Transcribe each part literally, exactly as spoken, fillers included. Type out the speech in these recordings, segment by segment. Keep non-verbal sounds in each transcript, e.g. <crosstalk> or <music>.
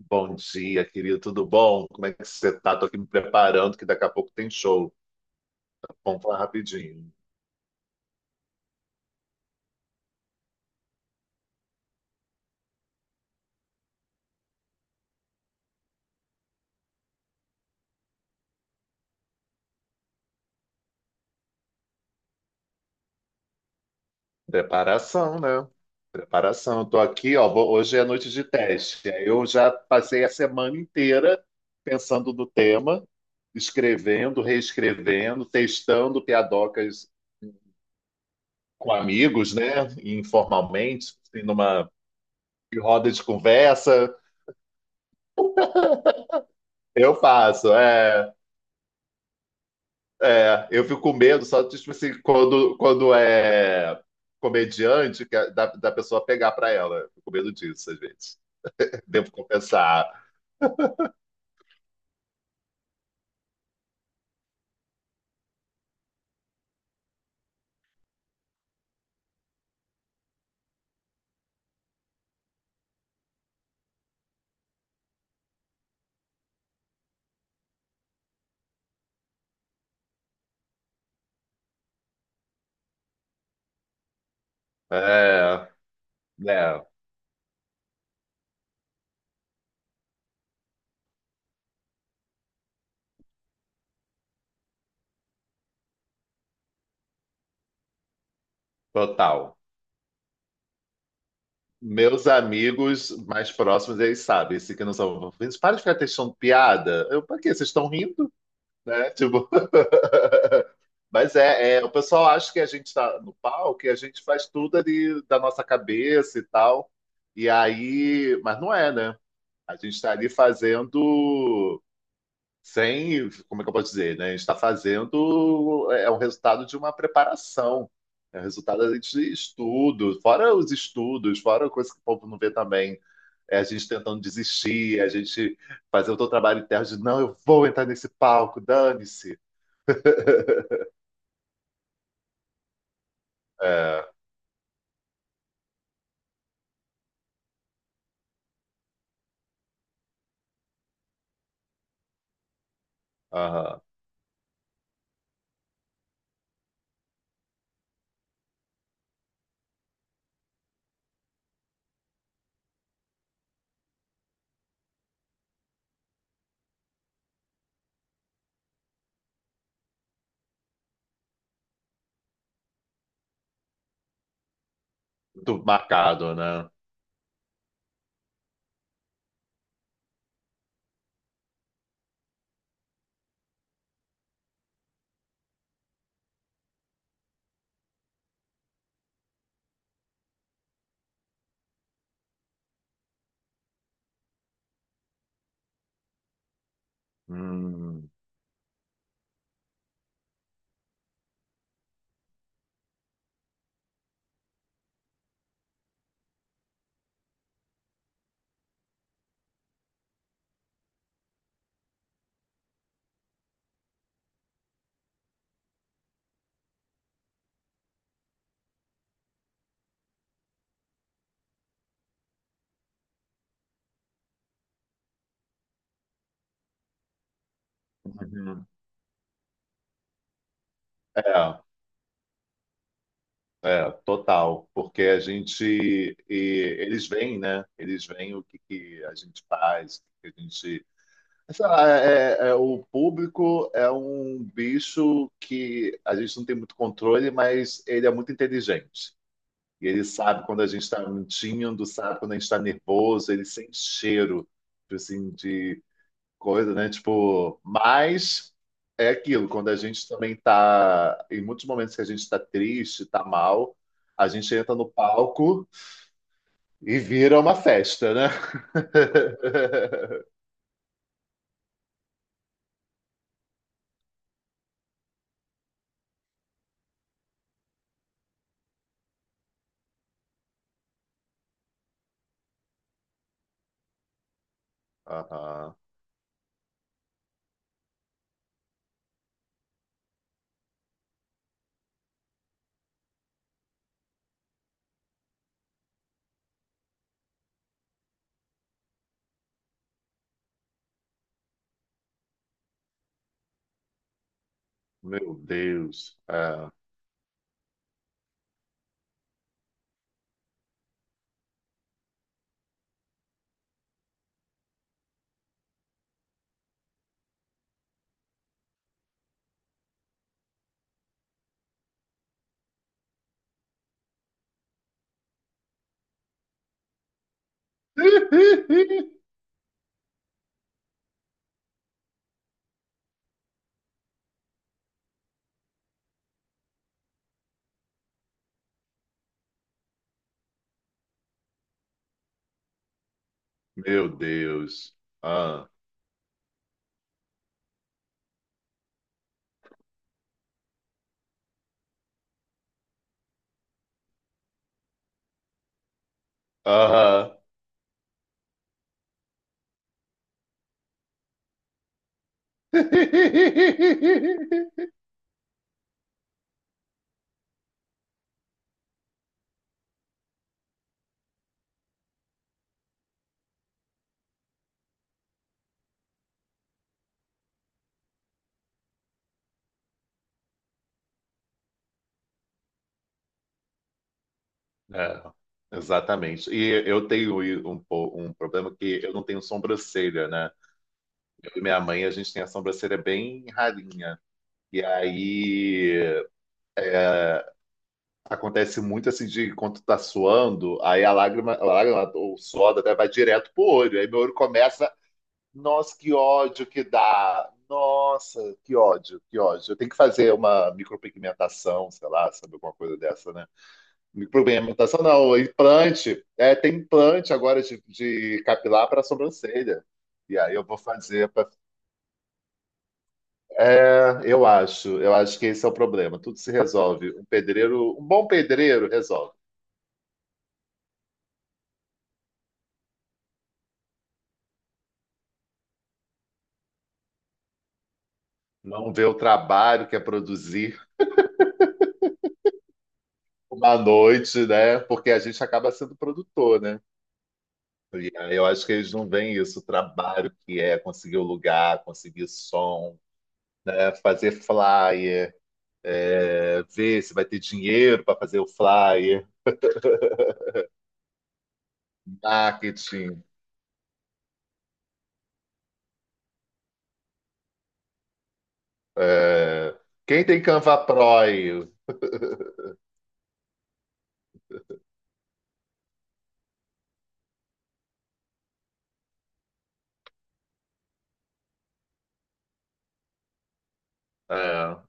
Bom dia, querido. Tudo bom? Como é que você tá? Tô aqui me preparando, que daqui a pouco tem show. Vamos falar rapidinho. Preparação, né? Preparação. Eu tô aqui, ó. vou- Hoje é noite de teste. Eu já passei a semana inteira pensando no tema, escrevendo, reescrevendo, testando piadocas com amigos, né? Informalmente, assim, numa roda de conversa. Eu faço, é. É, eu fico com medo, só tipo assim, quando, quando é comediante, que é da, da pessoa pegar pra ela. Eu fico com medo disso, às vezes. <laughs> Devo compensar. É, né, total. Meus amigos mais próximos, eles sabem, se que não são. Eles para de ficar testando piada. Eu, pra quê? Vocês estão rindo, né? Tipo. <laughs> Mas é, é, o pessoal acha que a gente está no palco e a gente faz tudo ali da nossa cabeça e tal. E aí. Mas não é, né? A gente está ali fazendo sem, como é que eu posso dizer, né? A gente está fazendo, é um resultado de uma preparação, é um resultado a gente de estudo, fora os estudos, fora a coisa que o povo não vê também, é a gente tentando desistir, a gente fazer o teu trabalho interno de, não, eu vou entrar nesse palco, dane-se. É, aham. Muito marcado, né? Hum, uhum. É. É, total, porque a gente, e eles veem, né? Eles veem o que, que a gente faz, o que que a gente. Sei lá, é- é- é, o público é um bicho que a gente não tem muito controle, mas ele é muito inteligente. E ele sabe quando a gente está mentindo, sabe quando a gente está nervoso, ele sente cheiro, tipo assim, coisa, né? Tipo, mas é aquilo, quando a gente também tá, em muitos momentos que a gente tá triste, tá mal, a gente entra no palco e vira uma festa, né? <laughs> Aham. Meu Deus. É. <laughs> Meu Deus. Ah. Aham. <laughs> É, exatamente. E eu tenho um, po- um problema que eu não tenho sobrancelha, né? E minha mãe, a gente tem a sobrancelha bem ralinha. E aí acontece muito assim de quando tu tá suando, aí a lágrima, a lágrima ou o suor até vai direto pro olho. Aí meu olho começa, nossa, que ódio que dá. Nossa, que ódio, que ódio. Eu tenho que fazer uma micropigmentação, sei lá, sabe, alguma coisa dessa, né? Micropigmentação não, implante. É, tem implante agora de, de capilar para sobrancelha. E aí eu vou fazer para É, eu acho, eu acho que esse é o problema. Tudo se resolve. Um pedreiro, um bom pedreiro resolve. Não vê o trabalho que é produzir uma noite, né? Porque a gente acaba sendo produtor, né? E aí eu acho que eles não veem isso, o trabalho que é conseguir o lugar, conseguir som, né? Fazer flyer, é, ver se vai ter dinheiro para fazer o flyer, marketing. É, quem tem Canva Pro?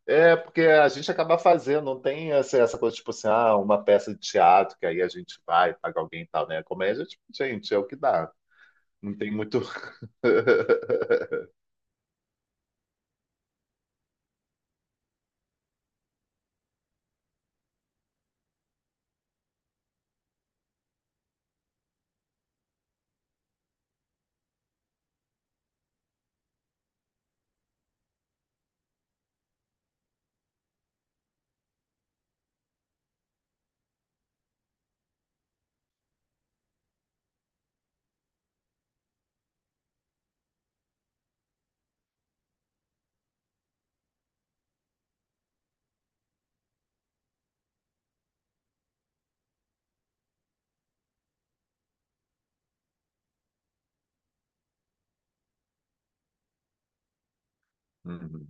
É, é porque a gente acaba fazendo, não tem essa, essa coisa tipo assim, ah, uma peça de teatro que aí a gente vai, paga alguém e tal, né? Comédia, tipo, gente, é o que dá. Não tem muito. <laughs> Uhum.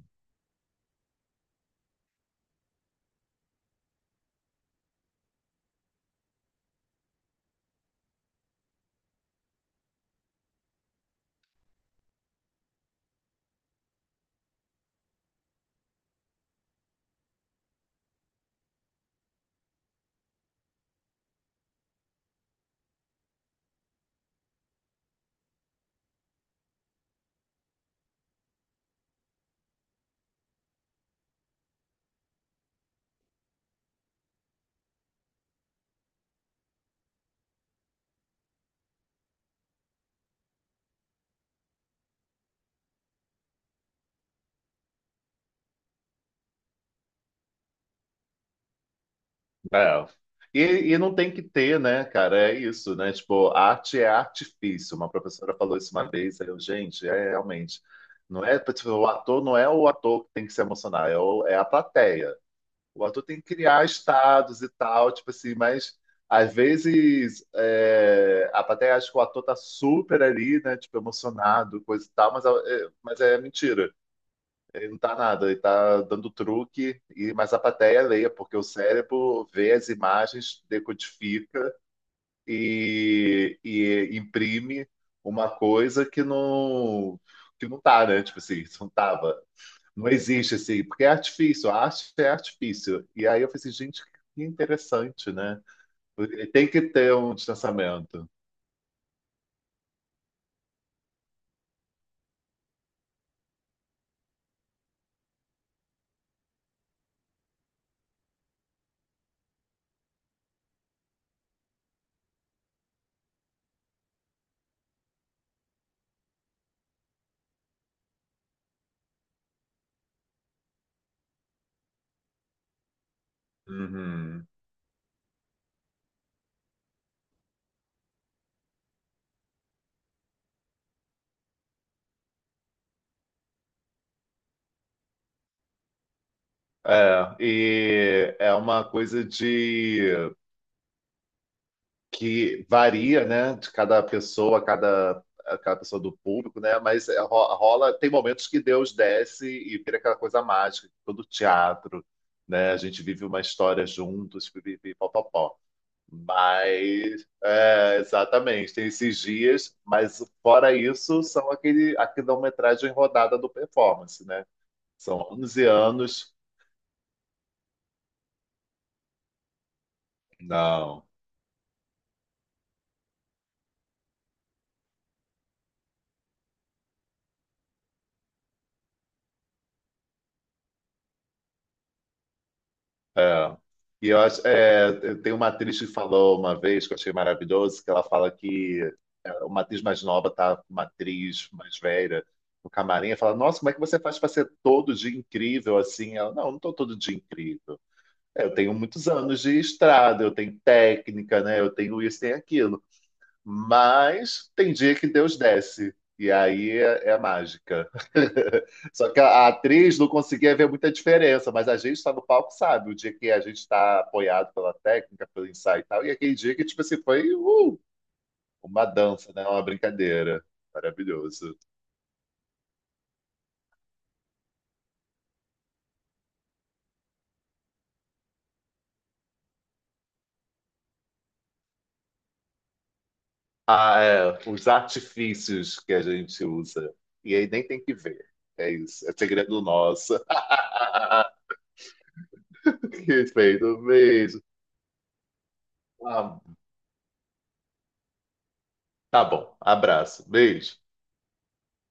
É. E, e não tem que ter, né, cara? É isso, né? Tipo, arte é artifício. Uma professora falou isso uma vez, aí eu, gente, é realmente. Não é, tipo, o ator não é o ator que tem que se emocionar, é, o- é a plateia. O ator tem que criar estados e tal, tipo assim, mas às vezes é, a plateia acha que o ator tá super ali, né? Tipo, emocionado, coisa e tal, mas é, é, mas é mentira. Ele não tá nada, ele tá dando truque, e, mas a plateia leia, porque o cérebro vê as imagens, decodifica e, e imprime uma coisa que não, que não tá, né? Tipo assim, isso não tava. Não existe assim, porque é artifício, a arte é artifício. E aí eu falei assim, gente, que interessante, né? Tem que ter um distanciamento. Uhum. É, e é uma coisa de que varia, né, de cada pessoa, cada cada pessoa do público, né? Mas é, ro- rola, tem momentos que Deus desce e vira aquela coisa mágica, todo teatro, né? A gente vive uma história juntos, pipipi, pó, pó, pó. Mas, é, exatamente, tem esses dias, mas fora isso, são aquele, a quilometragem rodada do performance, né? São onze anos. Não, é. E eu acho, é, tem uma atriz que falou uma vez, que eu achei maravilhoso, que ela fala que uma atriz mais nova tá com uma atriz mais velha no camarim, e fala, nossa, como é que você faz para ser todo dia incrível assim? Ela, não, eu não tô todo dia incrível. É, eu tenho muitos anos de estrada, eu tenho técnica, né? Eu tenho isso, tenho aquilo. Mas tem dia que Deus desce. E aí é, é a mágica. <laughs> Só que a, a atriz não conseguia ver muita diferença, mas a gente está no palco, sabe? O dia que a gente está apoiado pela técnica, pelo ensaio e tal, e aquele dia que, tipo assim, foi uh, uma dança, né? Uma brincadeira. Maravilhoso. Ah, é, os artifícios que a gente usa. E aí nem tem que ver. É isso. É segredo nosso. <laughs> <laughs> Respeito, beijo. Ah, tá bom, abraço, beijo.